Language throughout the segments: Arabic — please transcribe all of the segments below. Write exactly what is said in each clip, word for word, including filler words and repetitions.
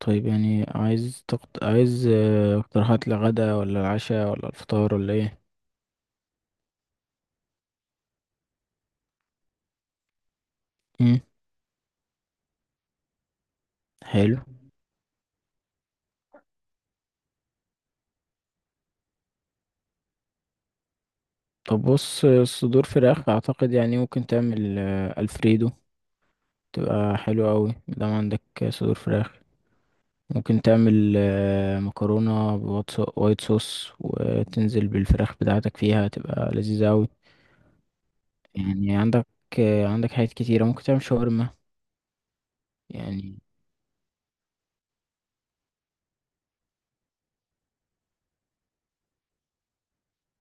طيب، يعني عايز تقط... عايز آه، اقتراحات لغدا ولا العشاء ولا الفطار ولا ايه؟ مم. حلو. طب بص، آه، صدور فراخ اعتقد يعني ممكن تعمل آه، الفريدو. تبقى حلوة قوي مادام عندك آه، صدور فراخ. ممكن تعمل آه، مكرونة بوايت صو- وايت صوص وتنزل بالفراخ بتاعتك فيها، تبقى لذيذة قوي. يعني عندك، آه، عندك حاجات كتيرة، ممكن تعمل شاورما. يعني.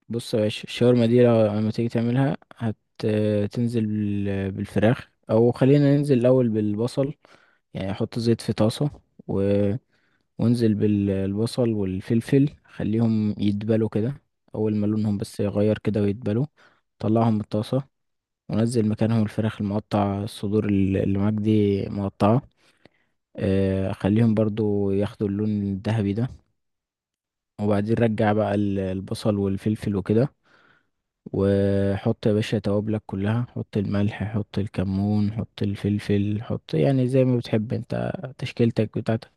بص يا باشا، الشاورما دي لو لما تيجي تعملها هتنزل بالفراخ، او خلينا ننزل الاول بالبصل. يعني احط زيت في طاسة و... وانزل بالبصل والفلفل، خليهم يدبلوا كده. اول ما لونهم بس يغير كده ويدبلوا، طلعهم من الطاسة ونزل مكانهم الفراخ المقطع، الصدور ال- اللي معاك دي مقطعة. آه، خليهم برضو ياخدوا اللون الذهبي ده. وبعدين رجع بقى ال- البصل والفلفل وكده، وحط يا باشا توابلك كلها. حط الملح، حط الكمون، حط الفلفل، حط يعني زي ما بتحب انت، تشكيلتك بتاعتك.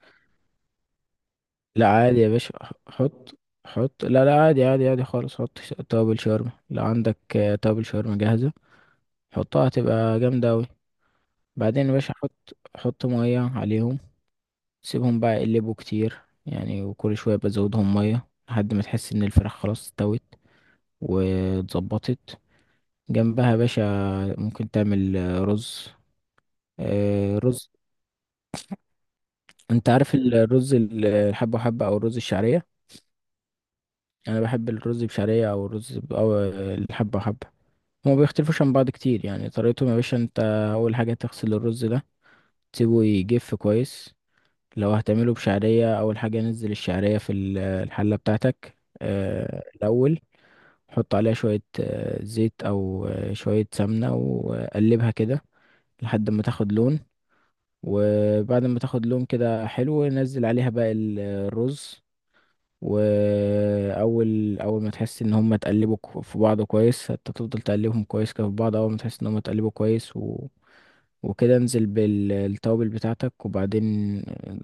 لا، عادي يا باشا، حط حط، لا لا، عادي عادي عادي خالص. حط ش- توابل شاورما. لو عندك آه، توابل شاورما جاهزة حطها، هتبقى جامدة أوي. بعدين يا باشا حط حط مية عليهم، سيبهم بقى يقلبوا كتير يعني، وكل شوية بزودهم مية لحد ما تحس إن الفراخ خلاص استوت واتظبطت. جنبها يا باشا ممكن تعمل آه، رز آه، رز. انت عارف الرز، ال- الحبة وحبة، او الرز الشعرية. انا بحب الرز بشعرية، او الرز ب... او آه، الحبة وحبة. هما بيختلفوش عن بعض كتير يعني. طريقتهم يا باشا: انت اول حاجة تغسل الرز ده، تسيبه يجف كويس. لو هتعمله بشعرية اول حاجة نزل الشعرية في ال- الحلة بتاعتك آه، الاول. حط عليها شوية آه، زيت او آه، شوية سمنة وقلبها كده لحد ما تاخد لون. وبعد ما تاخد لون كده حلو نزل عليها بقى ال- الرز. واول اول ما تحس ان هم اتقلبوا كو- في بعض كويس، انت تفضل تقلبهم كويس كده في بعض. اول ما تحس ان هم اتقلبوا كويس و... وكده انزل بالتوابل بتاعتك، وبعدين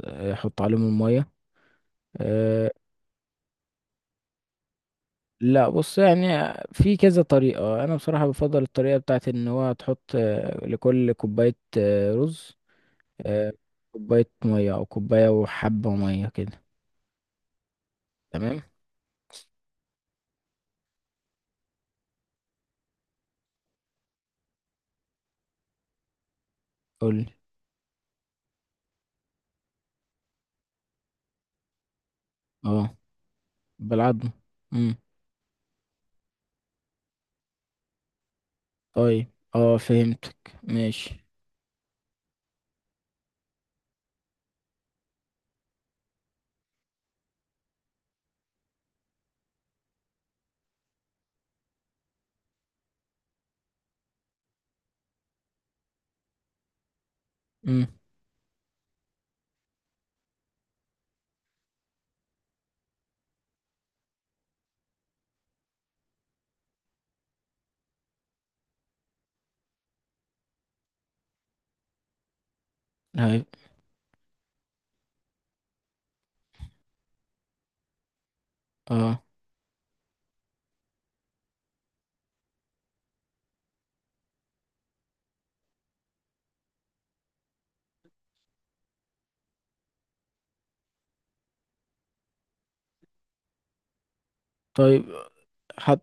آه، حط عليهم المية. أه. لا، بص يعني في كذا طريقة. انا بصراحة بفضل الطريقة بتاعت ان هو تحط آه، لكل كوباية آه، رز آه، كوباية مية، او كوباية وحبة مية كده. تمام. قولي. اه. بالعظم. طيب، اه، فهمتك. ماشي. امم. هاي. اه. طيب، حط.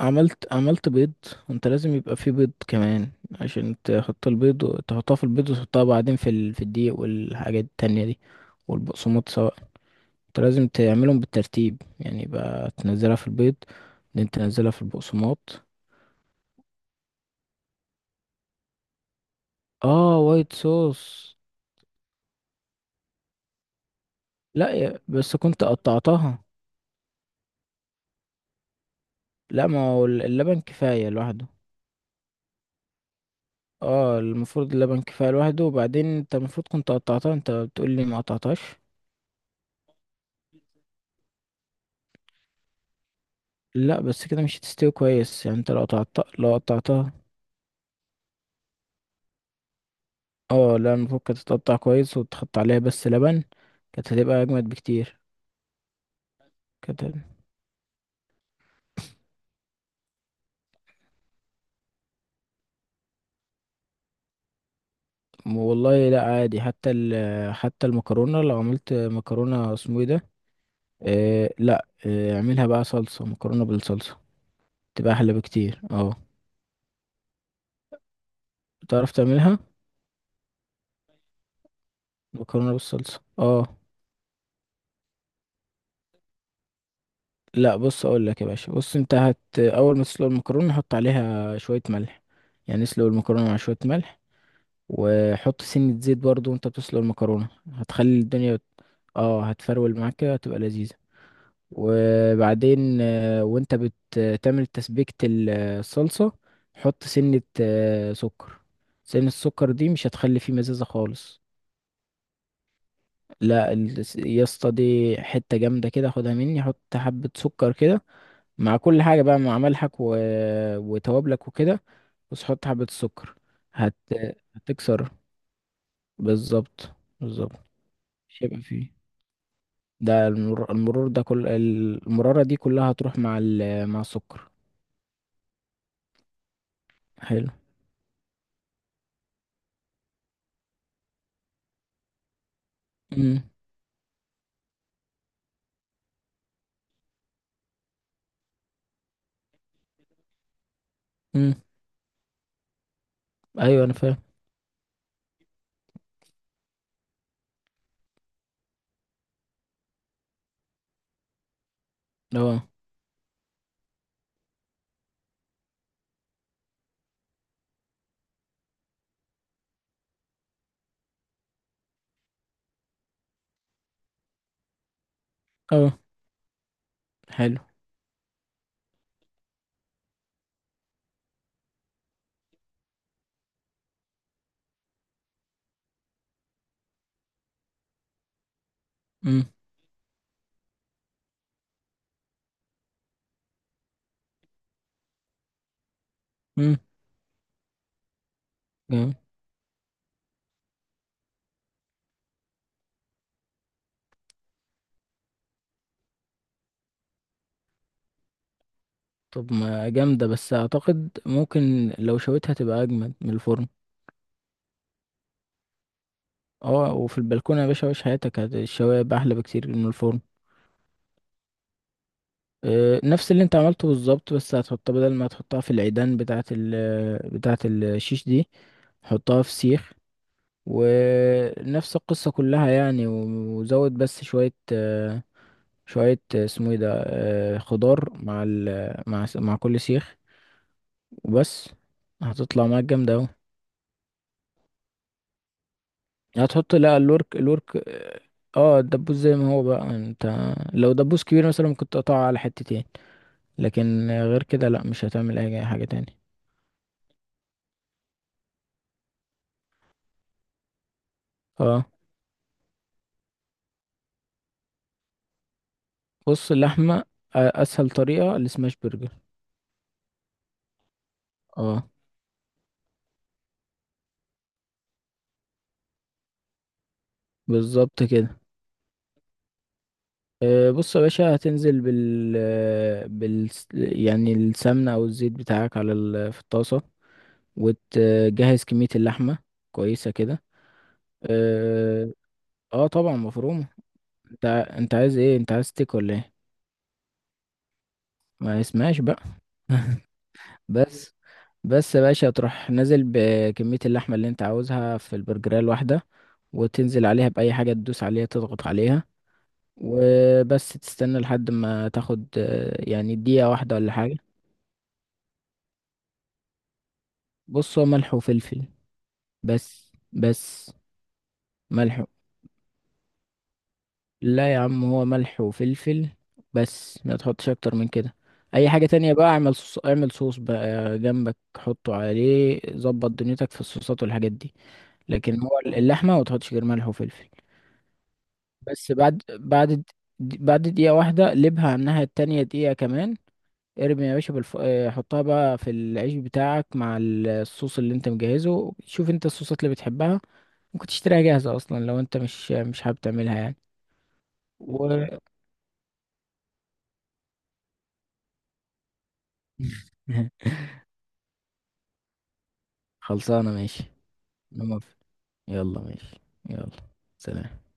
عملت عملت بيض. انت لازم يبقى فيه بيض كمان، عشان تحط البيض وتحطها في البيض وتحطها بعدين في ال... في الدقيق والحاجات التانية دي، والبقسماط سواء. انت لازم تعملهم بالترتيب، يعني يبقى تنزلها في البيض، بعدين تنزلها في البقسماط. اه، وايت صوص. لا يا- بس كنت قطعتها. لا، ما هو اللبن كفاية لوحده. اه، المفروض اللبن كفاية لوحده. وبعدين انت المفروض كنت قطعتها، انت بتقول لي ما قطعتهاش. لا، بس كده مش هتستوي كويس يعني. انت لو قطعتها، لو قطعتها. اه لا، المفروض كانت تتقطع كويس وتحط عليها بس لبن. كانت هتبقى اجمد بكتير. كانت. والله لا، عادي. حتى ال... حتى المكرونة، لو عملت مكرونة اسمه ايه ده. آه لا آه اعملها بقى صلصة. مكرونة بالصلصة تبقى احلى بكتير، اه. تعرف تعملها. مكرونة بالصلصة، اه. لا بص، اقول لك يا باشا. بص انت هت اول ما تسلق المكرونه حط عليها شويه ملح، يعني اسلق المكرونه مع شويه ملح. وحط سنه زيت برضو، وانت بتسلق المكرونه هتخلي الدنيا، اه، هتفرول معاك كده، هتبقى لذيذه. وبعدين آه، وانت بتعمل تسبيكه ال- الصلصه، حط سنه آه، سكر. سنه السكر دي مش هتخلي فيه مزازه خالص. لا ال- يا اسطى دي حته جامده كده، خدها مني. حط حبه سكر كده مع كل حاجة بقى، مع ملحك و... وتوابلك وكده، بس حط حبة السكر. هت... هتكسر بالظبط. بالظبط. مش هيبقى فيه. ده المر... المرور ده، كل المرارة دي كلها هتروح مع ال... مع السكر. حلو. امم، امم. ايوه انا فاهم. اه. اه، حلو. امم، امم. جامد. طب، ما جامدة، بس اعتقد ممكن لو شويتها تبقى اجمد من الفرن. اه، وفي البلكونة يا باشا عيش حياتك. هت- الشوايه بقى احلى بكتير من الفرن. آه، نفس اللي انت عملته بالظبط، بس هتحطها بدل ما تحطها في العيدان بتاعة ال بتاعة الشيش دي، حطها في سيخ. ونفس القصة كلها يعني، و- وزود بس شوية آه، شوية آه، اسمه ايه ده آه، خضار مع ال مع س- مع كل سيخ. وبس. هتطلع معاك جامدة اوي. هتحط، لا، الورك الورك، اه. آه، الدبوس زي ما هو بقى. انت لو دبوس كبير مثلا ممكن تقطعه على حتتين. لكن آه، غير كده لا، مش هتعمل اي حاجة تاني. اه. بص، اللحمة أ- أسهل طريقة السماش برجر. اه بالظبط كده. آه، بص يا باشا، هتنزل بال بال يعني السمنة أو الزيت بتاعك على ال... في الطاسة، وتجهز كمية اللحمة كويسة كده. اه. آه طبعا مفرومة. انت ع- انت عايز ايه؟ انت عايز تيك ولا ايه؟ ما اسمهاش بقى. بس. بس يا باشا تروح نازل بكمية اللحمة اللي انت عاوزها في البرجرية الواحدة، وتنزل عليها بأي حاجة تدوس عليها، تضغط عليها. وبس تستنى لحد ما تاخد، آه، يعني دقيقة واحدة ولا حاجة. بص، هو ملح وفلفل بس. بس ملح و- لا يا عم، هو ملح وفلفل بس، ما تحطش اكتر من كده. اي حاجة تانية بقى اعمل صوص، اعمل صوص بقى جنبك، حطه عليه، ظبط دنيتك في الصوصات والحاجات دي. لكن هو اللحمة ما تحطش غير ملح وفلفل. بس بعد، بعد د- بعد دقيقة واحدة قلبها على الناحية التانية دقيقة كمان. ارمي يا باشا بالف... آه، حطها بقى في العيش بتاعك مع ال- الصوص اللي انت مجهزه. شوف انت الصوصات اللي بتحبها، ممكن تشتريها جاهزة اصلا لو انت مش مش حابب تعملها يعني و... خلصانة ماشي. انا موافق. يلا ماشي. يلا. سلام.